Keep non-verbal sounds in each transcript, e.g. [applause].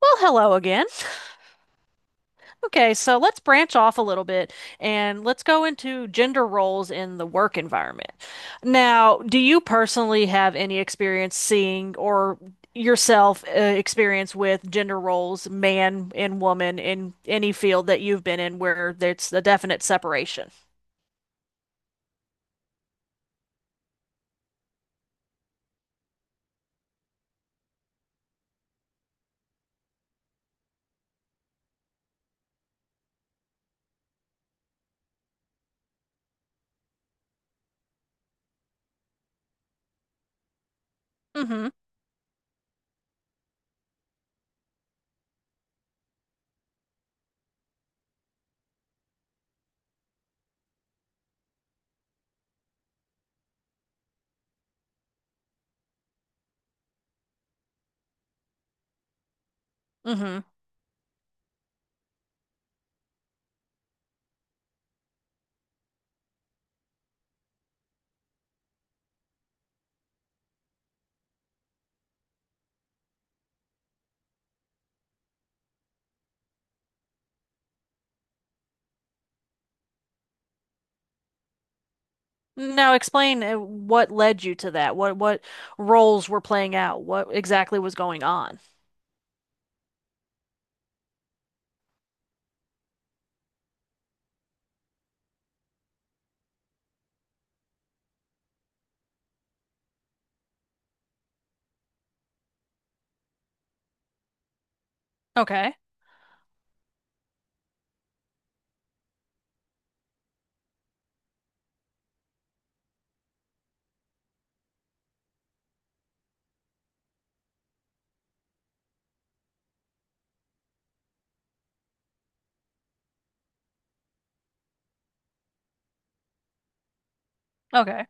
Well, hello again. Okay, so let's branch off a little bit and let's go into gender roles in the work environment. Now, do you personally have any experience seeing or yourself experience with gender roles, man and woman, in any field that you've been in where there's a definite separation? Mm-hmm. Mm-hmm. Now, explain what led you to that. What roles were playing out? What exactly was going on? Okay. Okay.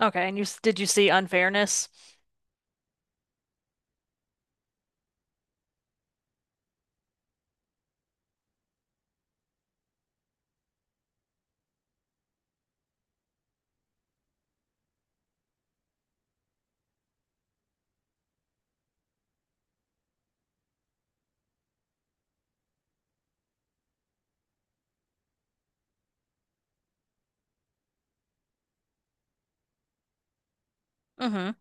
Okay, and you did you see unfairness? Hmm.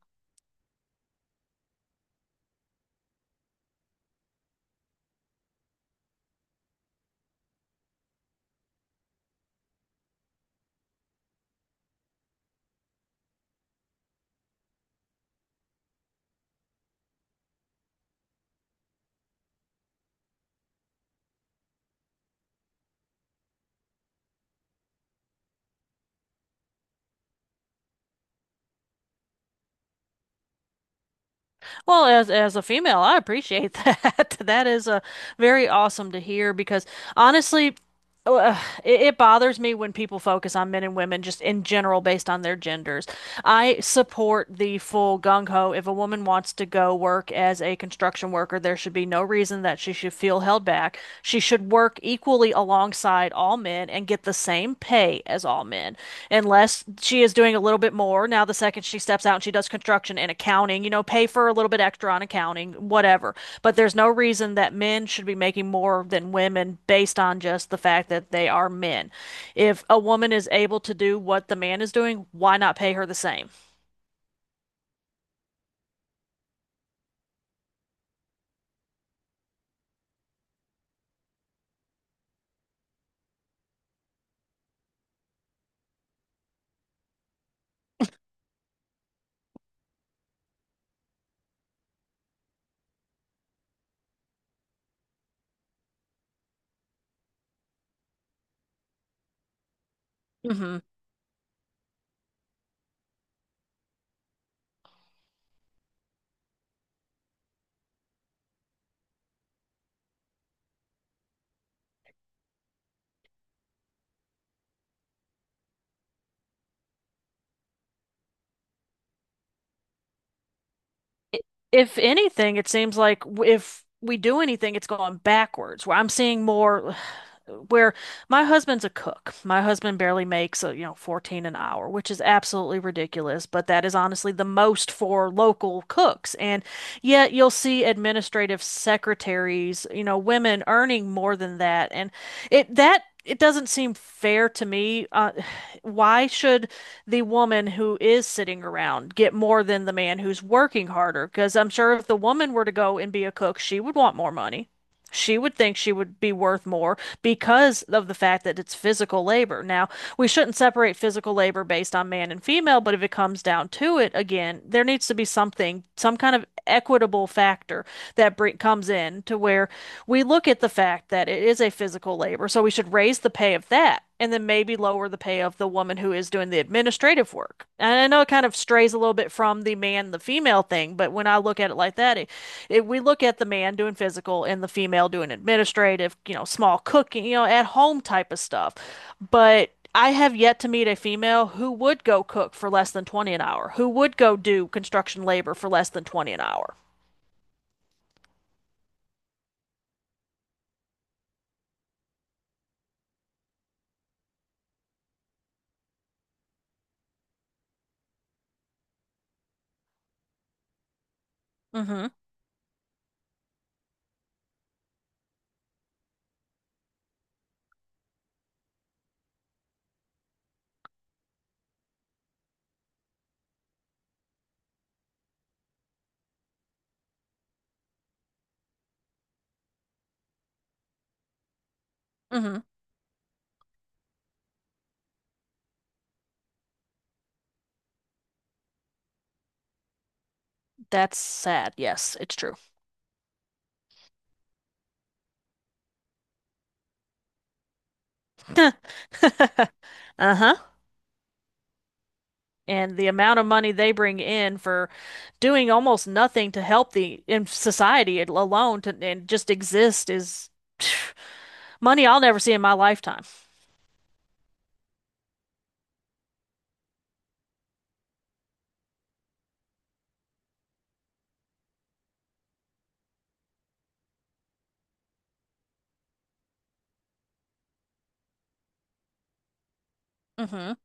Well, as a female, I appreciate that. [laughs] That is very awesome to hear because honestly, uh, it bothers me when people focus on men and women just in general based on their genders. I support the full gung ho. If a woman wants to go work as a construction worker, there should be no reason that she should feel held back. She should work equally alongside all men and get the same pay as all men, unless she is doing a little bit more. Now, the second she steps out and she does construction and accounting, you know, pay for a little bit extra on accounting, whatever. But there's no reason that men should be making more than women based on just the fact that they are men. If a woman is able to do what the man is doing, why not pay her the same? Hmm. I- If anything, it seems like if we do anything, it's going backwards, where I'm seeing more [sighs] where my husband's a cook. My husband barely makes, you know, 14 an hour, which is absolutely ridiculous, but that is honestly the most for local cooks. And yet you'll see administrative secretaries, you know, women earning more than that. And it doesn't seem fair to me. [sighs] Why should the woman who is sitting around get more than the man who's working harder? Because I'm sure if the woman were to go and be a cook, she would want more money. She would think she would be worth more because of the fact that it's physical labor. Now, we shouldn't separate physical labor based on man and female, but if it comes down to it, again, there needs to be something, some kind of equitable factor that comes in to where we look at the fact that it is a physical labor, so we should raise the pay of that and then maybe lower the pay of the woman who is doing the administrative work. And I know it kind of strays a little bit from the man, the female thing, but when I look at it like that, we look at the man doing physical and the female doing administrative, you know, small cooking, you know, at home type of stuff. But I have yet to meet a female who would go cook for less than 20 an hour, who would go do construction labor for less than 20 an hour. Hmm. Hmm. That's sad. Yes, it's true. [laughs] Uh-huh. And the amount of money they bring in for doing almost nothing to help the in society, alone to and just exist is [sighs] money I'll never see in my lifetime. Hmm.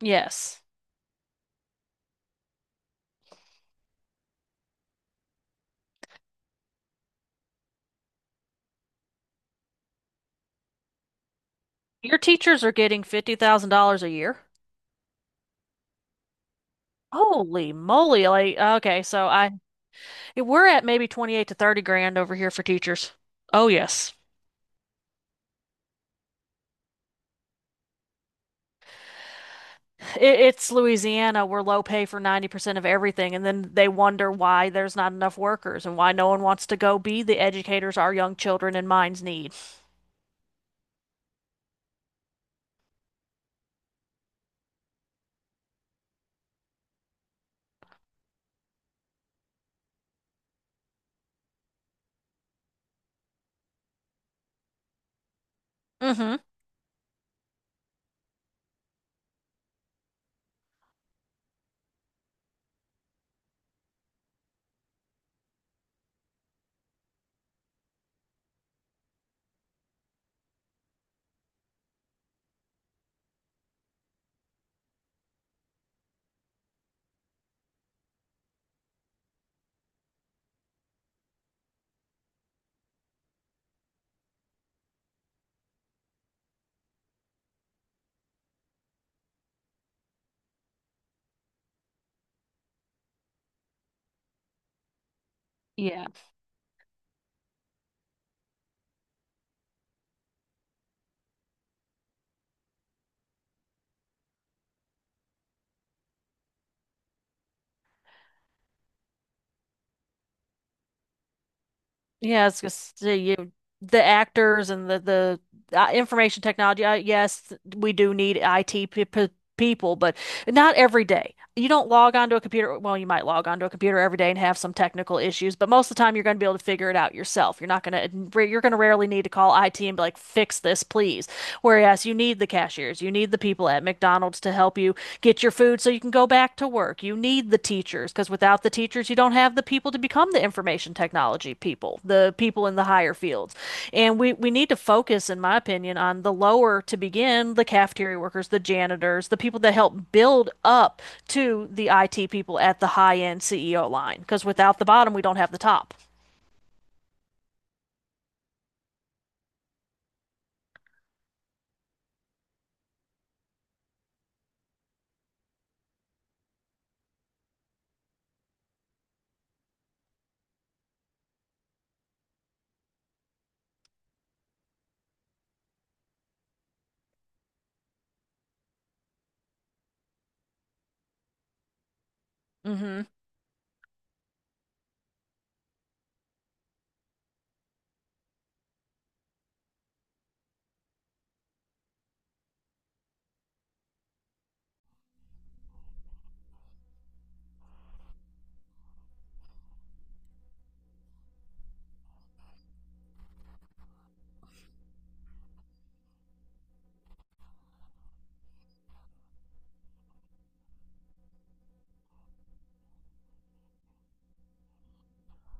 Yes. Your teachers are getting $50,000 a year. Holy moly. Like, okay, so I we're at maybe 28 to 30 grand over here for teachers. Oh, yes. It, it's Louisiana. We're low pay for 90% of everything. And then they wonder why there's not enough workers and why no one wants to go be the educators our young children and minds need. Hmm. Yeah. Yeah, I was gonna say you the actors and the information technology. Yes, we do need IT pe pe people, but not every day. You don't log onto a computer. Well, you might log onto a computer every day and have some technical issues, but most of the time you're going to be able to figure it out yourself. You're not going to You're going to rarely need to call IT and be like, "Fix this, please." Whereas you need the cashiers, you need the people at McDonald's to help you get your food so you can go back to work. You need the teachers because without the teachers, you don't have the people to become the information technology people, the people in the higher fields. And we need to focus, in my opinion, on the lower to begin, the cafeteria workers, the janitors, the people that help build up to the IT people at the high end CEO line. Because without the bottom, we don't have the top. Mm-hmm.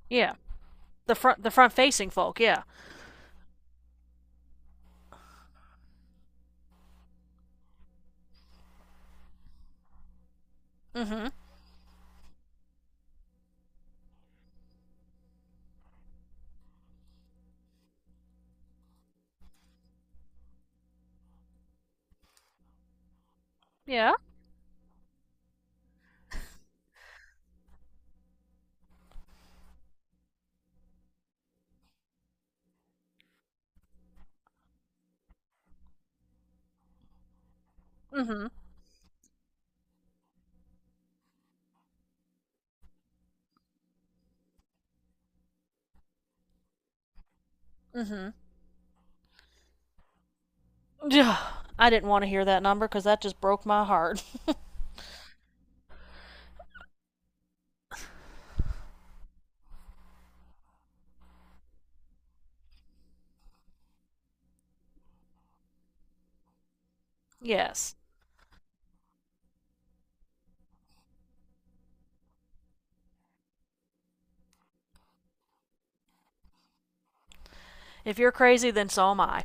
Yeah. The front, facing folk, yeah. Mm-hmm. Yeah. Mm-hmm. Mm-hmm. [sighs] I didn't want to hear that number because that just broke my heart. [laughs] Yes. If you're crazy, then so am I.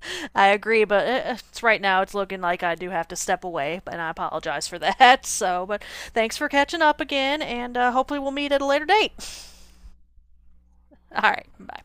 [laughs] I agree, but it's right now it's looking like I do have to step away, and I apologize for [laughs] that. So, but thanks for catching up again, and hopefully we'll meet at a later date. [laughs] All right, bye.